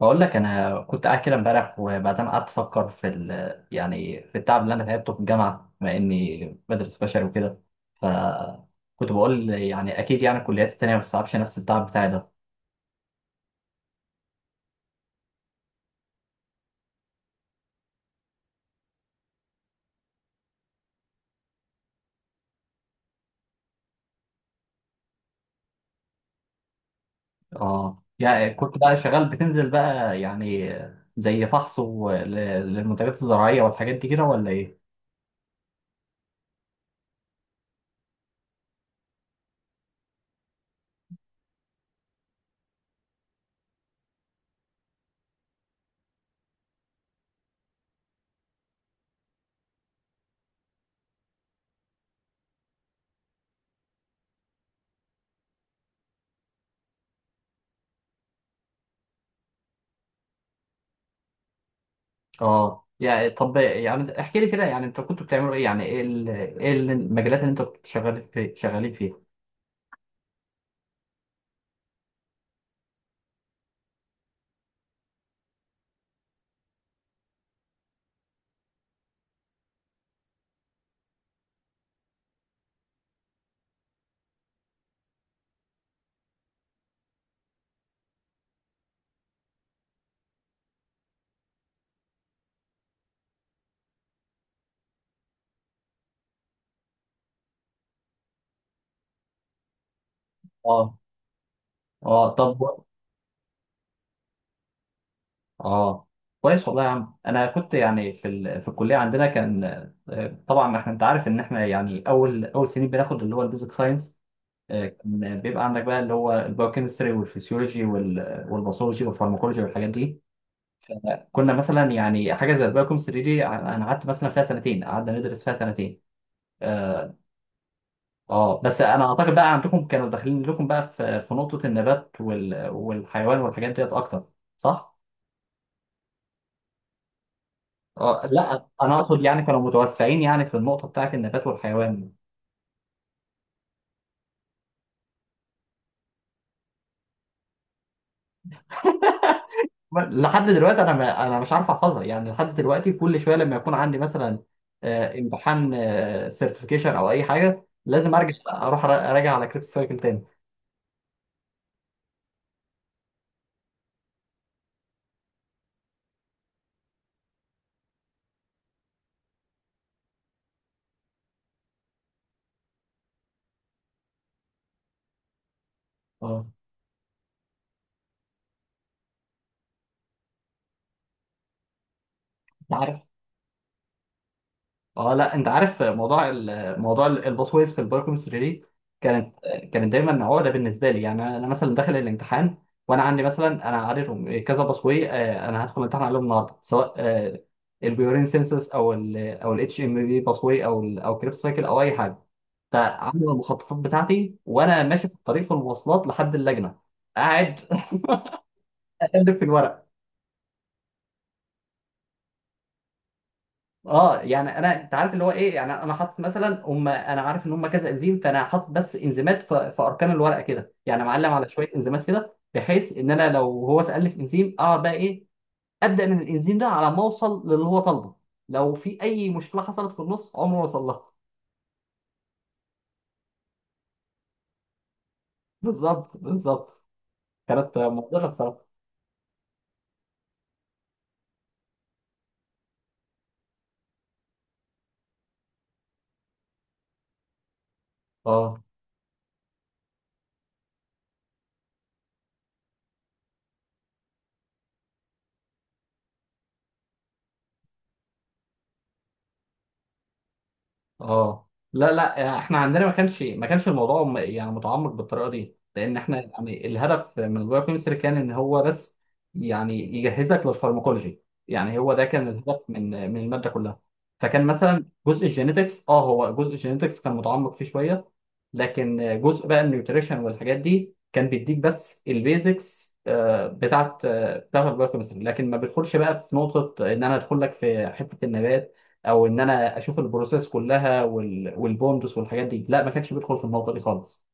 بقول لك انا كنت قاعد كده امبارح، وبعدين قعدت افكر يعني في التعب اللي انا تعبته في الجامعه بما اني بدرس بشري وكده. ف كنت بقول يعني اكيد يعني الكليات التانيه ما بتتعبش نفس التعب بتاعي ده. اه، يعني كنت بقى شغال بتنزل بقى يعني زي فحص للمنتجات الزراعيه والحاجات دي كده ولا ايه؟ اه، يعني طب، يعني احكي لي كده، يعني انتوا كنتوا بتعملوا ايه؟ يعني ايه المجالات اللي انتوا كنتوا شغالين فيها؟ اه. اه. طب. اه، كويس والله يا عم. انا كنت يعني في الكليه عندنا كان. طبعا احنا، انت عارف ان احنا يعني اول اول سنين بناخد اللي هو البيزك ساينس. كان بيبقى عندك بقى اللي هو البايوكيمستري والفسيولوجي والباثولوجي والفارماكولوجي والحاجات دي. كنا مثلا يعني حاجه زي البايوكيمستري دي انا قعدت مثلا فيها سنتين، قعدنا ندرس فيها سنتين. اه. بس انا اعتقد بقى عندكم كانوا داخلين لكم بقى في في نقطه النبات والحيوان والحاجات ديت اكتر، صح؟ اه، لا، انا اقصد يعني كانوا متوسعين يعني في النقطه بتاعت النبات والحيوان. لحد دلوقتي انا ما انا مش عارف احفظها يعني، لحد دلوقتي كل شويه لما يكون عندي مثلا امتحان سيرتيفيكيشن او اي حاجه، لازم ارجع اروح اراجع على كريب سايكل تاني. اه، انت عارف. اه لا، انت عارف موضوع الباسويز في البايوكيمستري دي. كانت كانت دايما عقده بالنسبه لي. يعني انا مثلا داخل الامتحان وانا عندي مثلا، انا عارفهم كذا باسوي. انا هدخل الامتحان عليهم النهارده سواء البيورين سينسس او ال او الاتش ام بي باسوي او ال او كريبس سايكل او اي حاجه. فعامل المخططات بتاعتي وانا ماشي في الطريق في المواصلات لحد اللجنه، قاعد اقلب في الورق. اه، يعني انت عارف اللي هو ايه، يعني انا حاطط مثلا هم، انا عارف ان هم كذا انزيم، فانا حاطط بس انزيمات في اركان الورقه كده. يعني معلم على شويه انزيمات كده بحيث ان انا لو هو سالني في انزيم، اقعد بقى ايه، ابدا من الانزيم ده على ما اوصل للي هو طالبه. لو في اي مشكله حصلت في النص، عمره ما وصل لها. بالظبط بالظبط. كانت مضحكه بصراحه. اه. اه. لا لا، احنا عندنا ما كانش الموضوع يعني متعمق بالطريقه دي، لان احنا يعني الهدف من البايو كيمستري كان ان هو بس يعني يجهزك للفارماكولوجي. يعني هو ده كان الهدف من من الماده كلها. فكان مثلا جزء الجينيتكس كان متعمق فيه شويه. لكن جزء بقى النيوتريشن والحاجات دي كان بيديك بس البيزكس بتاعت، بتاعت البايو كيمستري. لكن ما بيدخلش بقى في نقطه ان انا ادخل لك في حته النبات، او ان انا اشوف البروسيس كلها والبوندس والحاجات دي. لا، ما كانش بيدخل في النقطه دي خالص.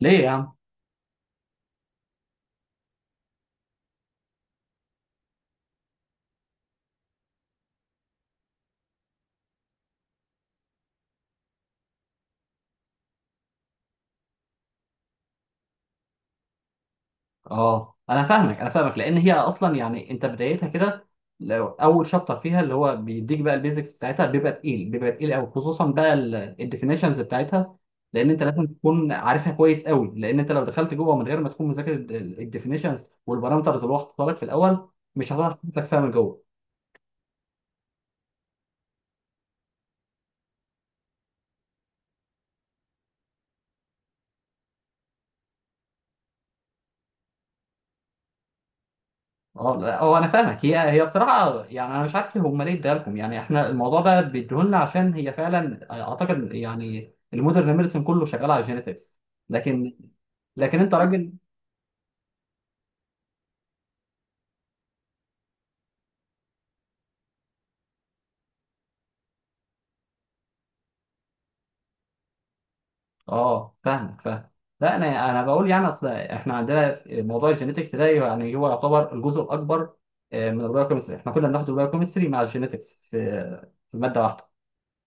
ليه يا عم؟ اه، انا فاهمك انا فاهمك. لان هي اصلا يعني انت بدايتها كده، لو اول شابتر فيها اللي هو بيديك بقى البيزكس بتاعتها بيبقى تقيل، بيبقى تقيل قوي، خصوصا بقى الديفينيشنز بتاعتها. لان انت لازم تكون عارفها كويس قوي، لان انت لو دخلت جوه من غير ما تكون مذاكر الديفينيشنز والبارامترز اللي هو حاططها لك في الاول، مش هتعرف تفهم من جوه. اه، لا، هو انا فاهمك. هي بصراحه، يعني انا مش عارف ليه اديها لكم يعني. احنا الموضوع ده بيديهولنا عشان هي فعلا اعتقد يعني المودرن ميديسن كله شغال على الجينيتكس. لكن، لكن انت راجل. اه، فاهمك فاهم. لا، انا بقول يعني اصل احنا عندنا موضوع الجينيتكس ده، يعني هو يعتبر الجزء الاكبر من البايوكيمستري. احنا كنا بناخد البايوكيمستري مع الجينيتكس في ماده واحده.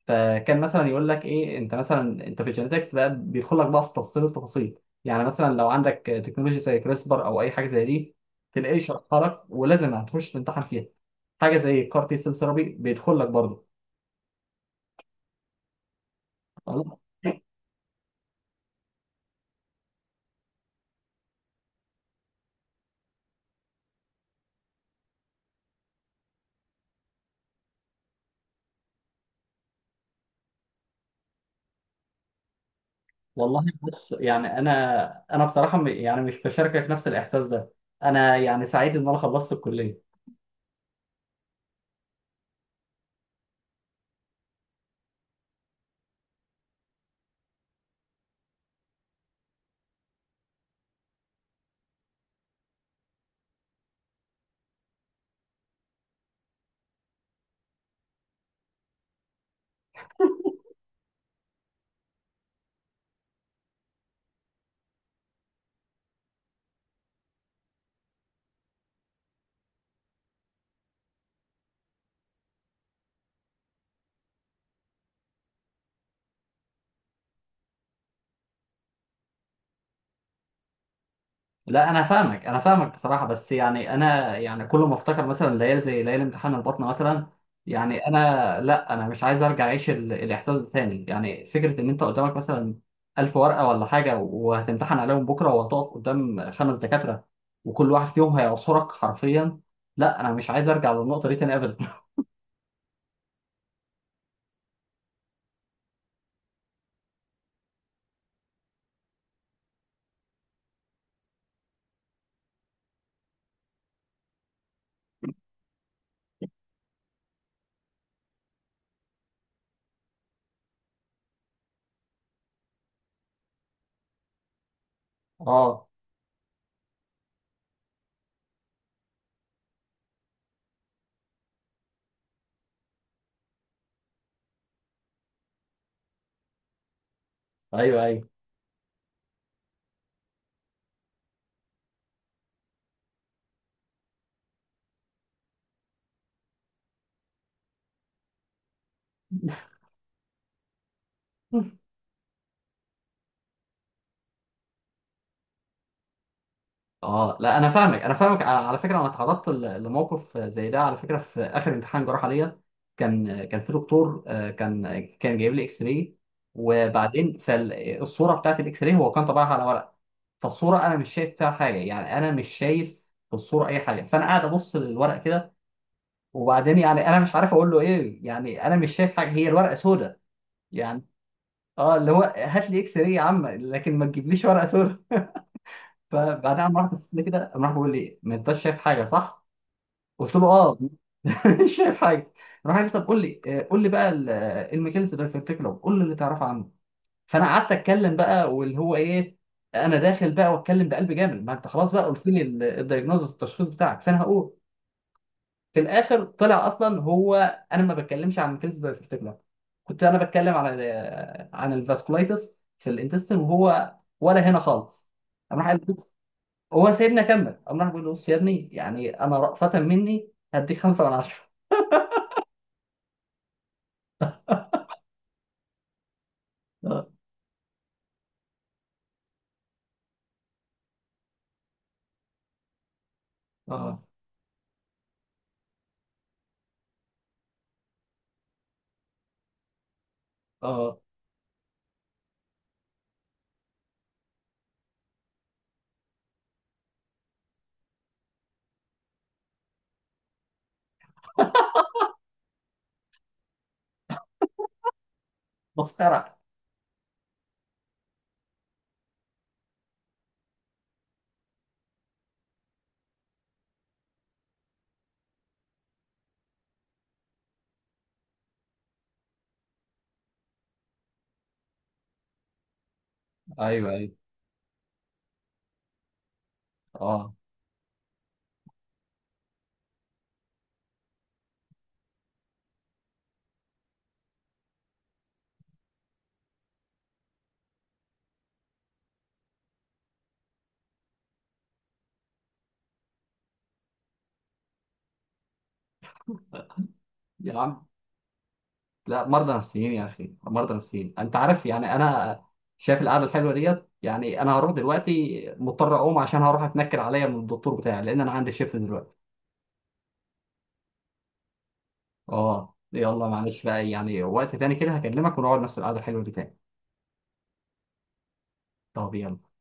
فكان مثلا يقول لك ايه، انت مثلا انت في الجينيتكس بقى بيدخل لك بقى في تفاصيل التفاصيل. يعني مثلا لو عندك تكنولوجيا زي كريسبر او اي حاجه زي دي، تلاقيه يشرحها لك ولازم هتخش تمتحن فيها. حاجه زي الكار تي سيل ثيرابي بيدخل لك برضه. والله. والله، بص يعني انا بصراحه يعني مش بشاركك نفس الاحساس ده. انا يعني سعيد ان انا خلصت الكليه. لا، انا فاهمك انا فاهمك بصراحه، بس يعني انا يعني كل ما افتكر مثلا ليالي زي ليالي امتحان البطنه مثلا، يعني انا، لا انا مش عايز ارجع اعيش الاحساس ده تاني. يعني فكره ان انت قدامك مثلا 1000 ورقه ولا حاجه وهتمتحن عليهم بكره، وهتقف قدام خمس دكاتره وكل واحد فيهم هيعصرك حرفيا. لا انا مش عايز ارجع للنقطه دي تاني ابدا. اه. ايوه، ايوه. اه، لا انا فاهمك انا فاهمك. على فكره انا اتعرضت لموقف زي ده. على فكره، في اخر امتحان جراحه ليا كان، كان في دكتور كان جايب لي اكس راي. وبعدين فالصوره بتاعت الاكس راي هو كان طبعها على ورق. فالصوره انا مش شايف فيها حاجه، يعني انا مش شايف في الصوره اي حاجه، فانا قاعد ابص للورق كده. وبعدين يعني انا مش عارف اقول له ايه، يعني انا مش شايف حاجه، هي الورقه سوداء يعني. اه، اللي هو هات لي اكس راي يا عم، لكن ما تجيبليش ورقه سوداء. فبعدها قام راح بص لي كده، قام راح بيقول لي: ما انتش شايف حاجه، صح؟ قلت له اه مش شايف حاجه. راح قال لي: طب قول لي، قول لي بقى الميكانيزم ده في التكلو، قول لي اللي تعرفه عنه. فانا قعدت اتكلم بقى، واللي هو ايه، انا داخل بقى واتكلم بقلب جامد، ما انت خلاص بقى قلت لي الدايجنوزس التشخيص بتاعك، فانا هقول. في الاخر طلع اصلا هو، انا ما بتكلمش عن الميكانيزم ده في التكلو، كنت انا بتكلم عن ال- آه، عن الفاسكولايتس في الانتستين، وهو ولا هنا خالص. قام راح قال، هو سايبني اكمل، قام راح بيقول له: بص يا ابني، يعني انا رأفة مني هديك 5/10. اه. اه. اه. مسخرة. ايوه ايوه. اه يا عم، لا، مرضى نفسيين يا اخي، مرضى نفسيين. انت عارف يعني، انا شايف القعده الحلوه ديت، يعني انا هروح دلوقتي مضطر اقوم عشان هروح اتنكر عليا من الدكتور بتاعي، لان انا عندي شيفت دلوقتي. اه، يلا معلش بقى يعني، وقت تاني كده هكلمك ونقعد نفس القعده الحلوه دي تاني. طب يلا.